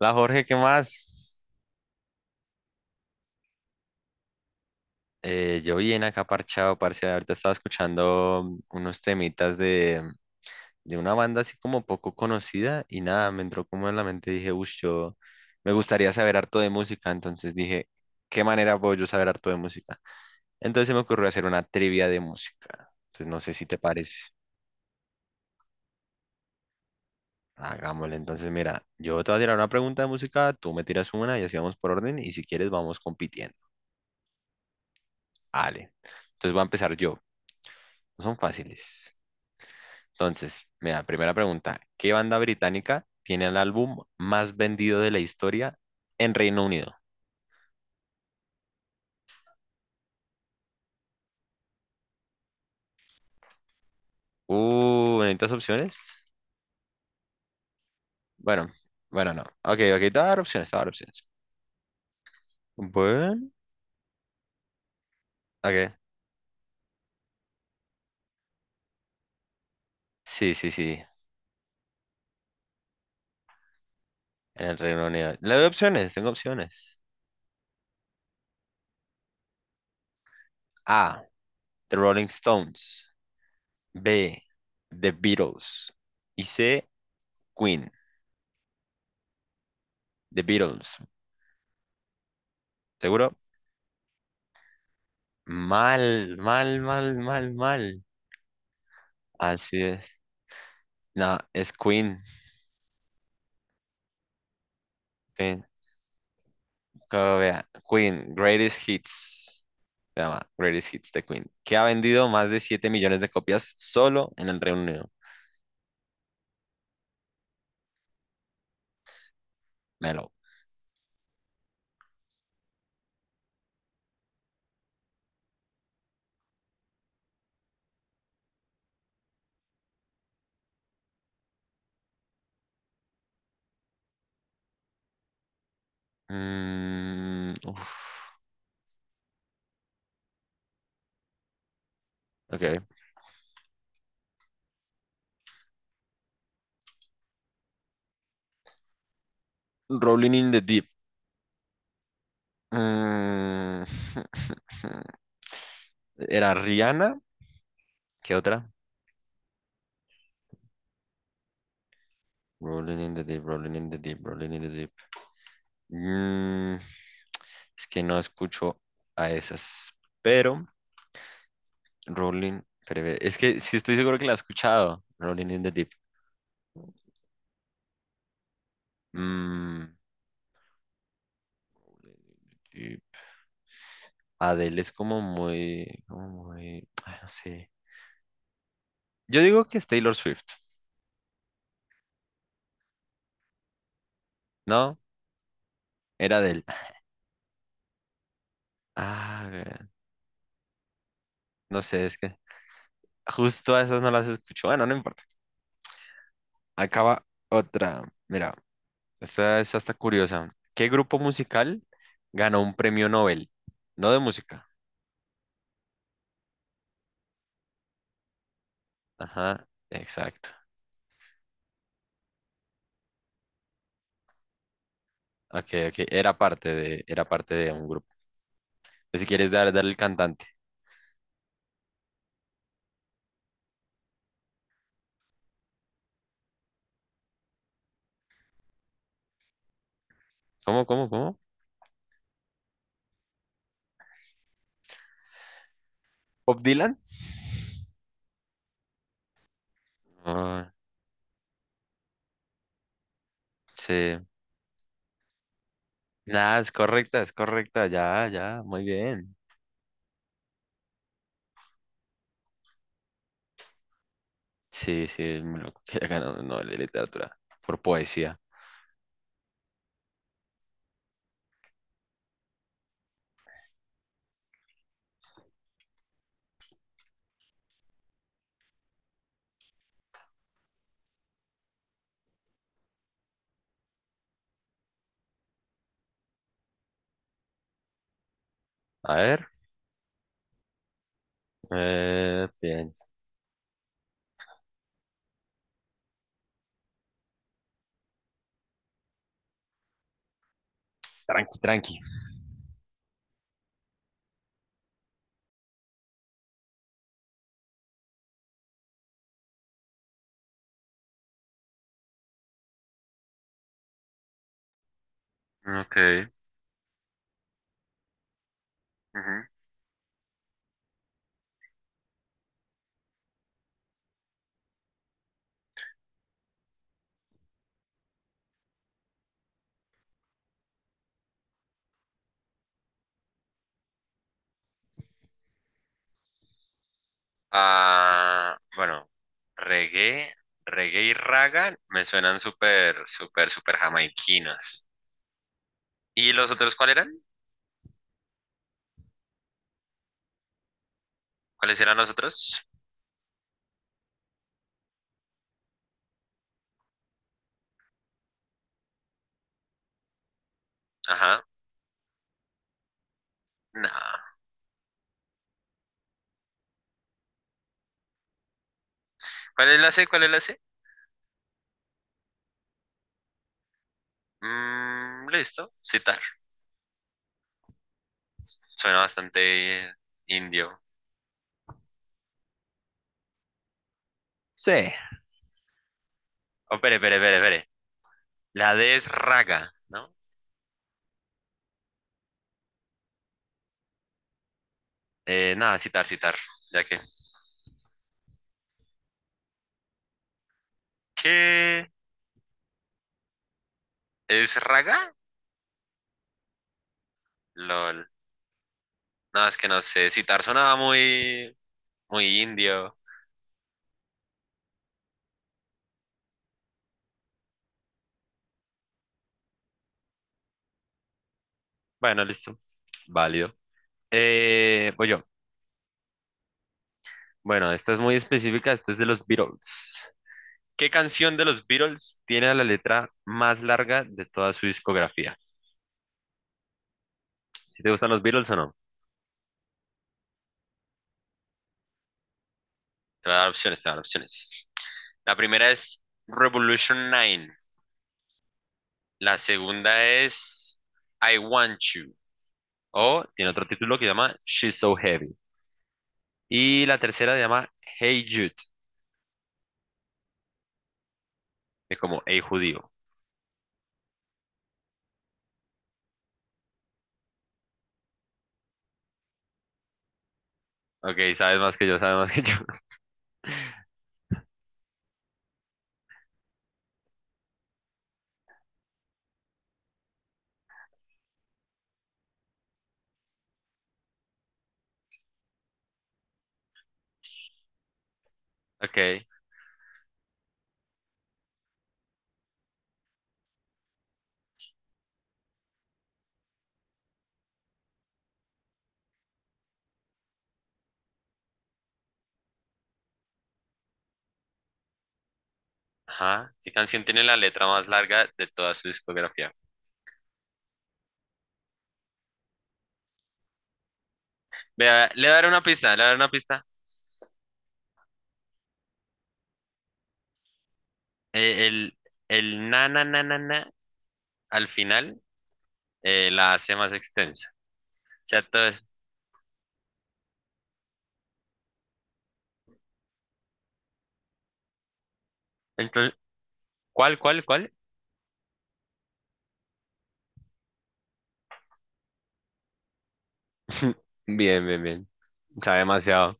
La Jorge, ¿qué más? Yo bien acá parchado, parce. Ahorita estaba escuchando unos temitas de una banda así como poco conocida y nada, me entró como en la mente. Dije, uff, yo me gustaría saber harto de música. Entonces dije, ¿qué manera puedo yo saber harto de música? Entonces se me ocurrió hacer una trivia de música. Entonces no sé si te parece. Hagámosle. Entonces, mira, yo te voy a tirar una pregunta de música, tú me tiras una y así vamos por orden y si quieres vamos compitiendo. Vale. Entonces voy a empezar yo. No son fáciles. Entonces, mira, primera pregunta, ¿qué banda británica tiene el álbum más vendido de la historia en Reino Unido? ¿Necesitas opciones? Bueno, bueno, no. Ok, ok, te voy a dar opciones, te voy a dar opciones. Bueno, ok. Sí, sí, sí, en el Reino Unido. Le doy opciones, tengo opciones. A, The Rolling Stones. B, The Beatles. Y C, Queen. The Beatles. ¿Seguro? Mal, mal, mal, mal, mal. Así es. No, es Queen. Queen, como Queen, Greatest Hits, se llama Greatest Hits de Queen, que ha vendido más de 7 millones de copias solo en el Reino Unido. Melo. Mm, uf, ok. Rolling in the Deep. Mm, era Rihanna. ¿Qué otra? Rolling in the Deep, Rolling in the Deep, Rolling in the Deep. Mm, es que no escucho a esas, pero Rolling, pero es que sí estoy seguro que la he escuchado. Rolling in the Deep. Mm, y Adele es como muy, ay, no sé. Yo digo que es Taylor Swift, ¿no? Era Adele. Ah, vean, no sé, es que justo a esas no las escucho. Bueno, no importa. Acaba otra. Mira, esta es hasta curiosa. ¿Qué grupo musical ganó un premio Nobel? No de música. Ajá, exacto. Ok, ok. Era parte de un grupo. Pues si quieres dar el cantante. ¿Cómo, cómo, cómo? ¿Bob Dylan? Ah, sí. Nada, es correcta, ya, ya, muy bien. Sí, sí, es muy loco que haya ganado un Nobel de Literatura por poesía. A ver, bien, tranqui, tranqui. Ok. Ujú. Ah, bueno, reggae, reggae y raga me suenan súper, súper, súper jamaiquinos. ¿Y los otros cuáles eran? ¿Cuáles eran los otros? Ajá, no. ¿Cuál es la C? ¿Cuál es la C? Mm, listo, citar. Suena bastante indio. Sí. Oh, espere, espere, espere, espere. La D es raga, ¿no? Nada, citar, citar. Ya que. ¿Qué es raga? LOL. No, es que no sé. Citar sonaba muy, muy indio. Bueno, listo. Válido. Voy yo. Bueno, esta es muy específica. Esta es de los Beatles. ¿Qué canción de los Beatles tiene la letra más larga de toda su discografía? ¿Si te gustan los Beatles o no? Te voy a dar opciones, te voy a dar opciones. La primera es Revolution 9. La segunda es I Want You. O tiene otro título que llama She's So Heavy. Y la tercera se llama Hey Jude. Es como Hey Judío. Ok, sabes más que yo, sabes más que yo. Ok. Ajá. ¿Qué canción tiene la letra más larga de toda su discografía? Vea, le daré una pista, le daré una pista. Eh, el, el na na na na na al final la hace más extensa. O sea, todo- entonces, ¿cuál, cuál, cuál? Bien, bien, bien. Sabe demasiado.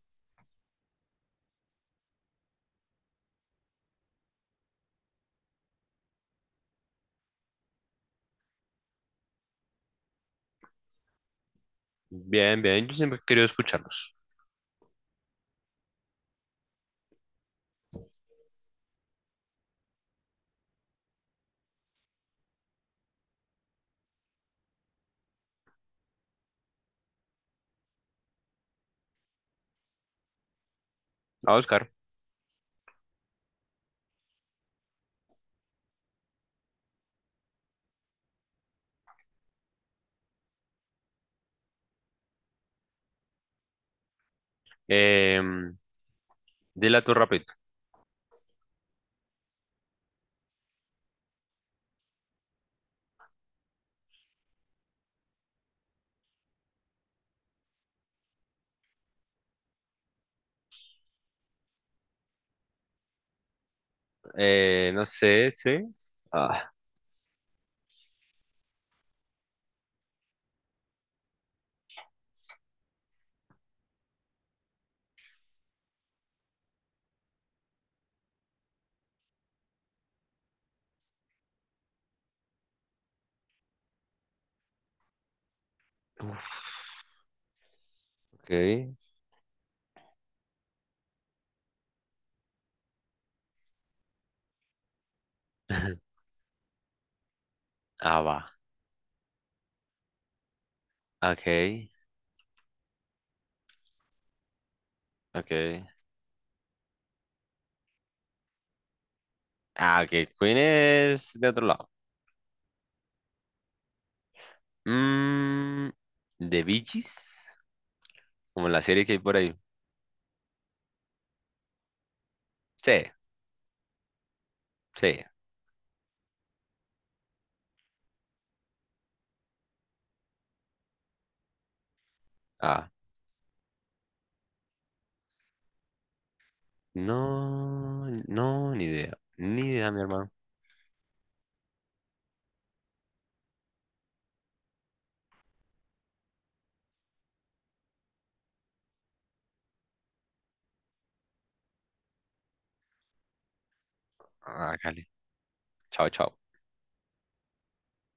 Bien, bien, yo siempre he querido escucharlos. A Oscar, em, dile a tu rapid. No sé, sí. Ah, uf. Ok. Ah, va. Ok, ok. Ah, ok, Queen es de otro lado. Mm, ¿De Bee Gees? Como la serie que hay por ahí. Sí, sí. Ah, no, no, ni idea. Ni idea, mi hermano. Ah, Cali. Chao, chao.